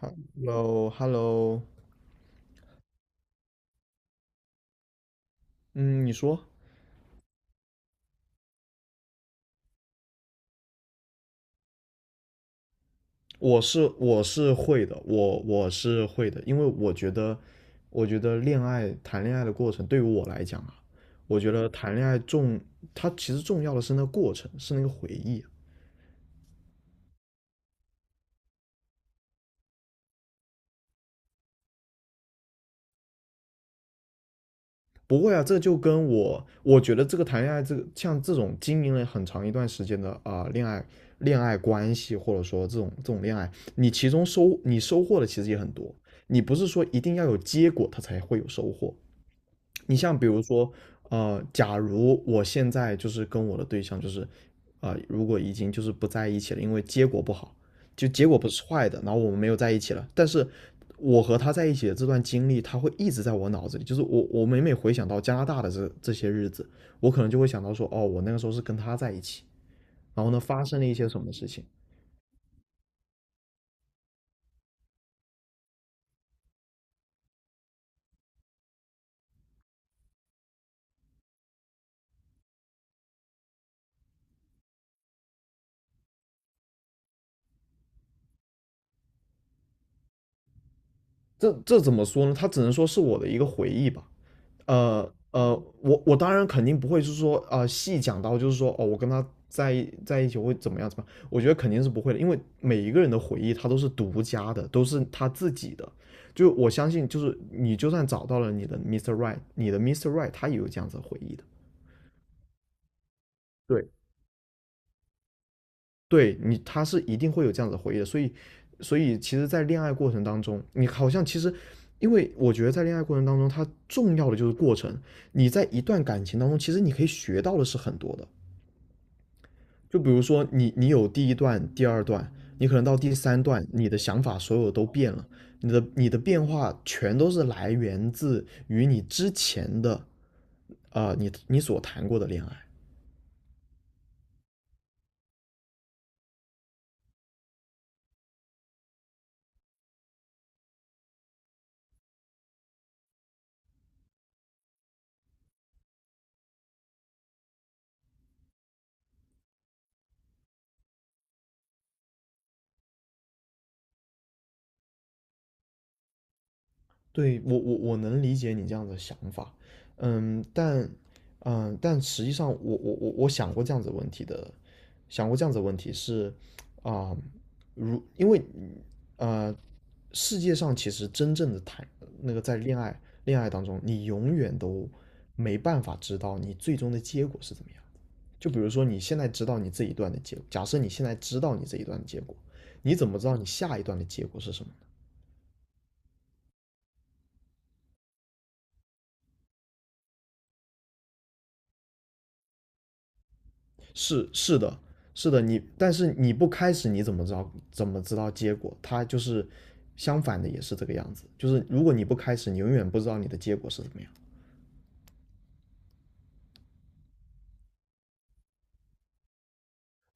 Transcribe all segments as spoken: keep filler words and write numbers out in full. Hello，Hello，嗯，你说。我是我是会的，我我是会的，因为我觉得，我觉得恋爱谈恋爱的过程对于我来讲啊。我觉得谈恋爱重，它其实重要的是那个过程，是那个回忆啊。不会啊，这就跟我，我觉得这个谈恋爱，这个像这种经营了很长一段时间的啊、恋爱恋爱关系，或者说这种这种恋爱，你其中收你收获的其实也很多，你不是说一定要有结果它才会有收获。你像比如说，呃，假如我现在就是跟我的对象就是，呃，如果已经就是不在一起了，因为结果不好，就结果不是坏的，然后我们没有在一起了，但是我和他在一起的这段经历，他会一直在我脑子里，就是我我每每回想到加拿大的这这些日子，我可能就会想到说，哦，我那个时候是跟他在一起，然后呢发生了一些什么事情。这这怎么说呢？他只能说是我的一个回忆吧。呃呃，我我当然肯定不会是说啊，细讲到就是说哦，我跟他在一在一起会怎么样怎么样，我觉得肯定是不会的，因为每一个人的回忆他都是独家的，都是他自己的。就我相信，就是你就算找到了你的 mister Right，你的 mister Right 他也有这样子的回忆的。对，对你，他是一定会有这样子的回忆的。所以，所以其实，在恋爱过程当中，你好像其实，因为我觉得在恋爱过程当中，它重要的就是过程。你在一段感情当中，其实你可以学到的是很多的。就比如说你你有第一段、第二段，你可能到第三段，你的想法所有都变了，你的你的变化全都是来源自于你之前的，啊，你你所谈过的恋爱。对，我我我能理解你这样的想法，嗯，但嗯，但实际上我，我我我想过这样子的问题的，想过这样子的问题是，啊、如因为呃，世界上其实真正的谈那个在恋爱恋爱当中，你永远都没办法知道你最终的结果是怎么样。就比如说你现在知道你这一段的结果，假设你现在知道你这一段的结果，你怎么知道你下一段的结果是什么？是是的，是的，你但是你不开始你怎么知道怎么知道结果？他就是相反的，也是这个样子。就是如果你不开始，你永远不知道你的结果是怎么样。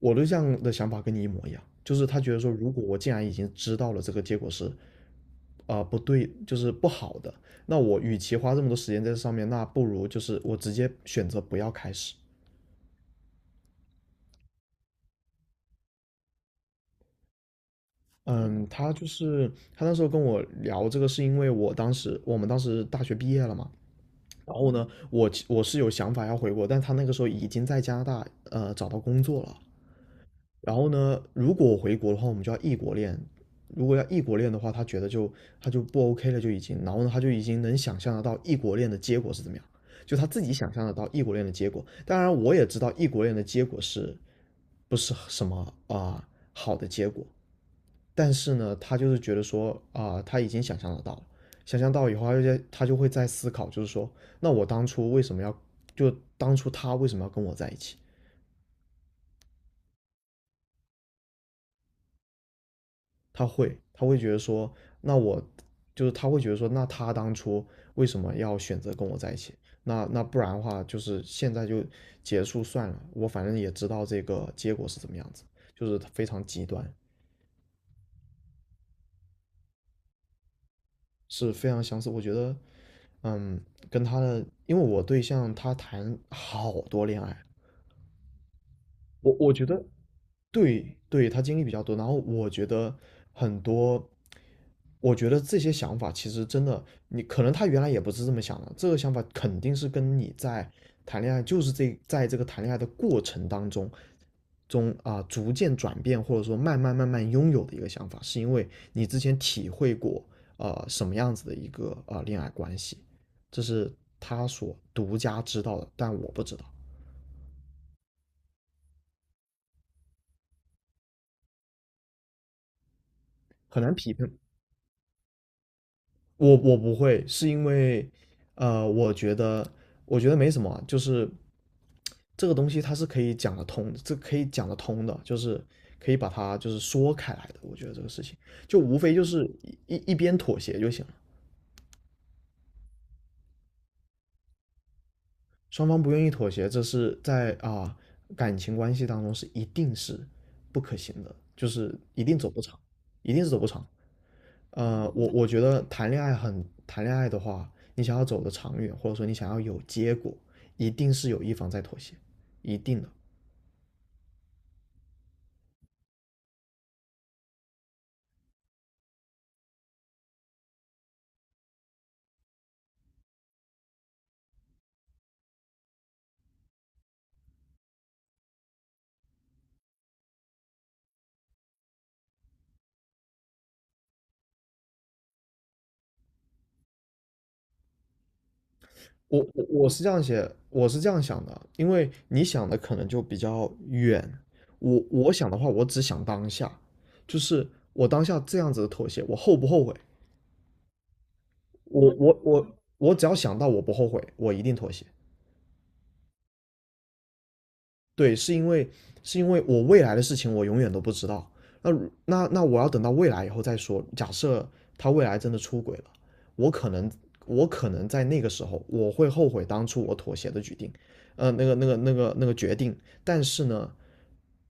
我对象的想法跟你一模一样，就是他觉得说，如果我既然已经知道了这个结果是啊呃不对，就是不好的，那我与其花这么多时间在这上面，那不如就是我直接选择不要开始。嗯，他就是他那时候跟我聊这个，是因为我当时我们当时大学毕业了嘛，然后呢，我我是有想法要回国，但他那个时候已经在加拿大呃找到工作了。然后呢，如果我回国的话，我们就要异国恋。如果要异国恋的话，他觉得就他就不 OK 了，就已经。然后呢，他就已经能想象得到异国恋的结果是怎么样，就他自己想象得到异国恋的结果。当然，我也知道异国恋的结果是不是什么啊、呃好的结果，但是呢，他就是觉得说啊、呃他已经想象得到了，想象到以后，他就在他就会在思考，就是说，那我当初为什么要，就当初他为什么要跟我在一起？他会，他会觉得说，那我就是他会觉得说，那他当初为什么要选择跟我在一起？那那不然的话，就是现在就结束算了，我反正也知道这个结果是怎么样子，就是非常极端。是非常相似。我觉得，嗯，跟他的，因为我对象他谈好多恋爱，我我觉得，对对，他经历比较多，然后我觉得很多，我觉得这些想法其实真的，你可能他原来也不是这么想的，这个想法肯定是跟你在谈恋爱，就是这在这个谈恋爱的过程当中中啊、逐渐转变，或者说慢慢慢慢拥有的一个想法，是因为你之前体会过呃什么样子的一个呃恋爱关系，这是他所独家知道的，但我不知道。很难匹配，我我不会，是因为，呃，我觉得我觉得没什么啊，就是这个东西它是可以讲得通，这可以讲得通的，就是可以把它就是说开来的。我觉得这个事情就无非就是一一边妥协就行了。双方不愿意妥协，这是在啊、感情关系当中是一定是不可行的，就是一定走不长，一定是走不长。呃，我我觉得谈恋爱很谈恋爱的话，你想要走的长远，或者说你想要有结果，一定是有一方在妥协，一定的。我我我是这样写，我是这样想的，因为你想的可能就比较远，我我想的话，我只想当下，就是我当下这样子的妥协，我后不后悔？我我我我只要想到我不后悔，我一定妥协。对，是因为是因为我未来的事情我永远都不知道。那那那我要等到未来以后再说。假设他未来真的出轨了，我可能我可能在那个时候我会后悔当初我妥协的决定，呃，那个那个那个那个决定。但是呢，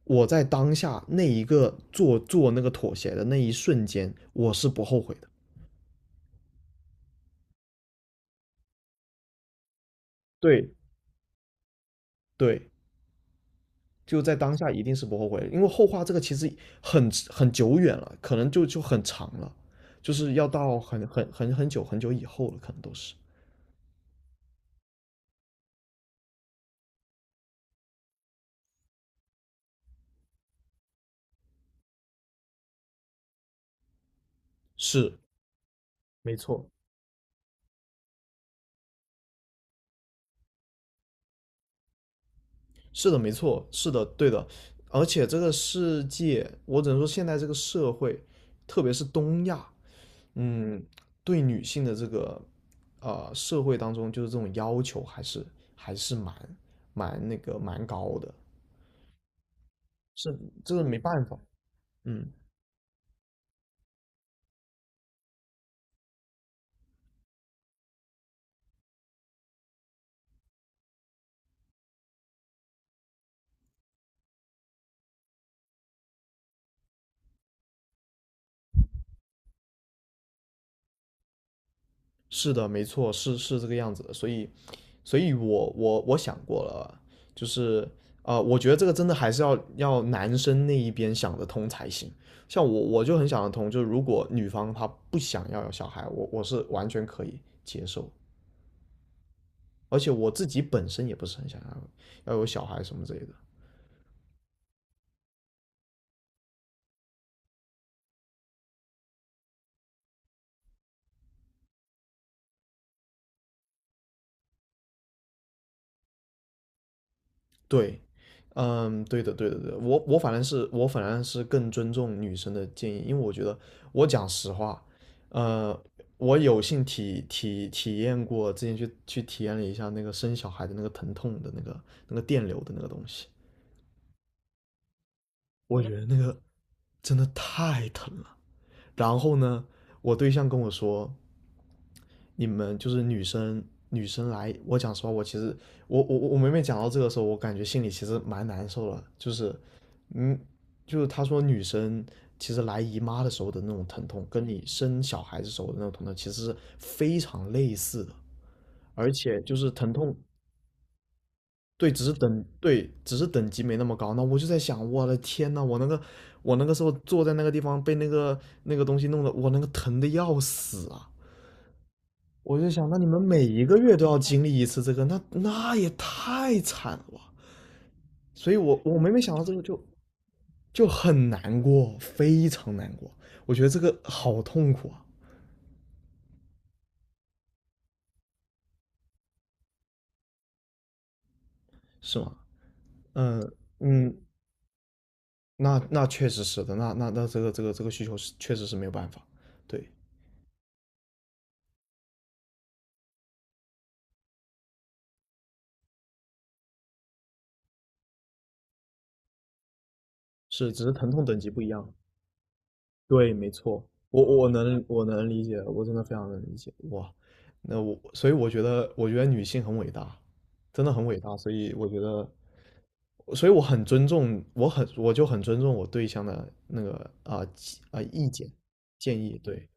我在当下那一个做做那个妥协的那一瞬间，我是不后悔的。对对，就在当下一定是不后悔，因为后话这个其实很很久远了，可能就就很长了，就是要到很很很很久很久以后了，可能都是。是，没错，是的，没错，是的，对的。而且这个世界，我只能说现在这个社会，特别是东亚。嗯，对女性的这个呃社会当中，就是这种要求还是还是蛮蛮那个蛮高的，是这个没办法，嗯。是的，没错，是是这个样子的，所以，所以我我我想过了啊，就是呃，我觉得这个真的还是要要男生那一边想得通才行。像我我就很想得通，就是如果女方她不想要有小孩，我我是完全可以接受，而且我自己本身也不是很想要要有小孩什么之类的。对，嗯，对的，对的，对的，我我反正是我反正是更尊重女生的建议，因为我觉得我讲实话，呃，我有幸体体体验过，之前去去体验了一下那个生小孩的那个疼痛的那个那个电流的那个东西，我觉得那个真的太疼了。然后呢，我对象跟我说，你们就是女生女生来，我讲实话，我其实我我我每每讲到这个时候，我感觉心里其实蛮难受的，就是嗯，就是他说女生其实来姨妈的时候的那种疼痛，跟你生小孩子时候的那种疼痛其实是非常类似的，而且就是疼痛。对，只是等，对，只是等级没那么高。那我就在想，我的天呐，我那个，我那个时候坐在那个地方被那个那个东西弄得，我那个疼的要死啊！我就想，那你们每一个月都要经历一次这个，那那也太惨了吧！所以我，我每每想到这个就就很难过，非常难过。我觉得这个好痛苦啊。是吗？嗯嗯，那那确实是的，那那那这个这个这个需求是确实是没有办法，对，是只是疼痛等级不一样，对，没错，我我能我能理解，我真的非常能理解，哇，那我所以我觉得我觉得女性很伟大，真的很伟大，所以我觉得所以我很尊重，我很我就很尊重我对象的那个啊啊、意见建议，对，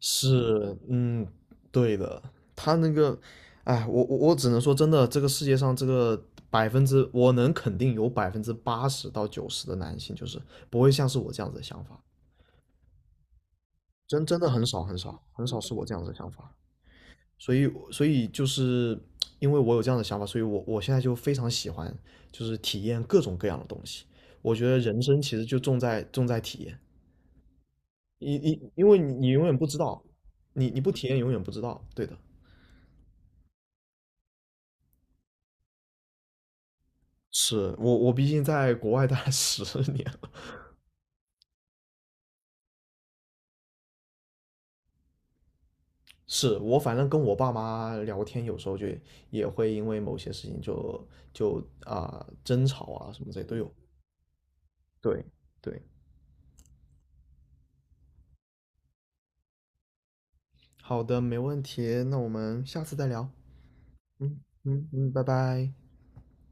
是，嗯，对的，他那个，哎，我我我只能说真的，这个世界上这个百分之我能肯定有百分之八十到九十的男性就是不会像是我这样子的想法。真真的很少很少很少是我这样子的想法。所以所以就是因为我有这样的想法，所以我我现在就非常喜欢，就是体验各种各样的东西。我觉得人生其实就重在重在体验，你你因为你你永远不知道，你你不体验永远不知道，对的。是我我毕竟在国外待了十年了。是我反正跟我爸妈聊天，有时候就也会因为某些事情就就啊、呃争吵啊什么这些都有。对对，好的，没问题，那我们下次再聊。嗯嗯嗯，拜拜。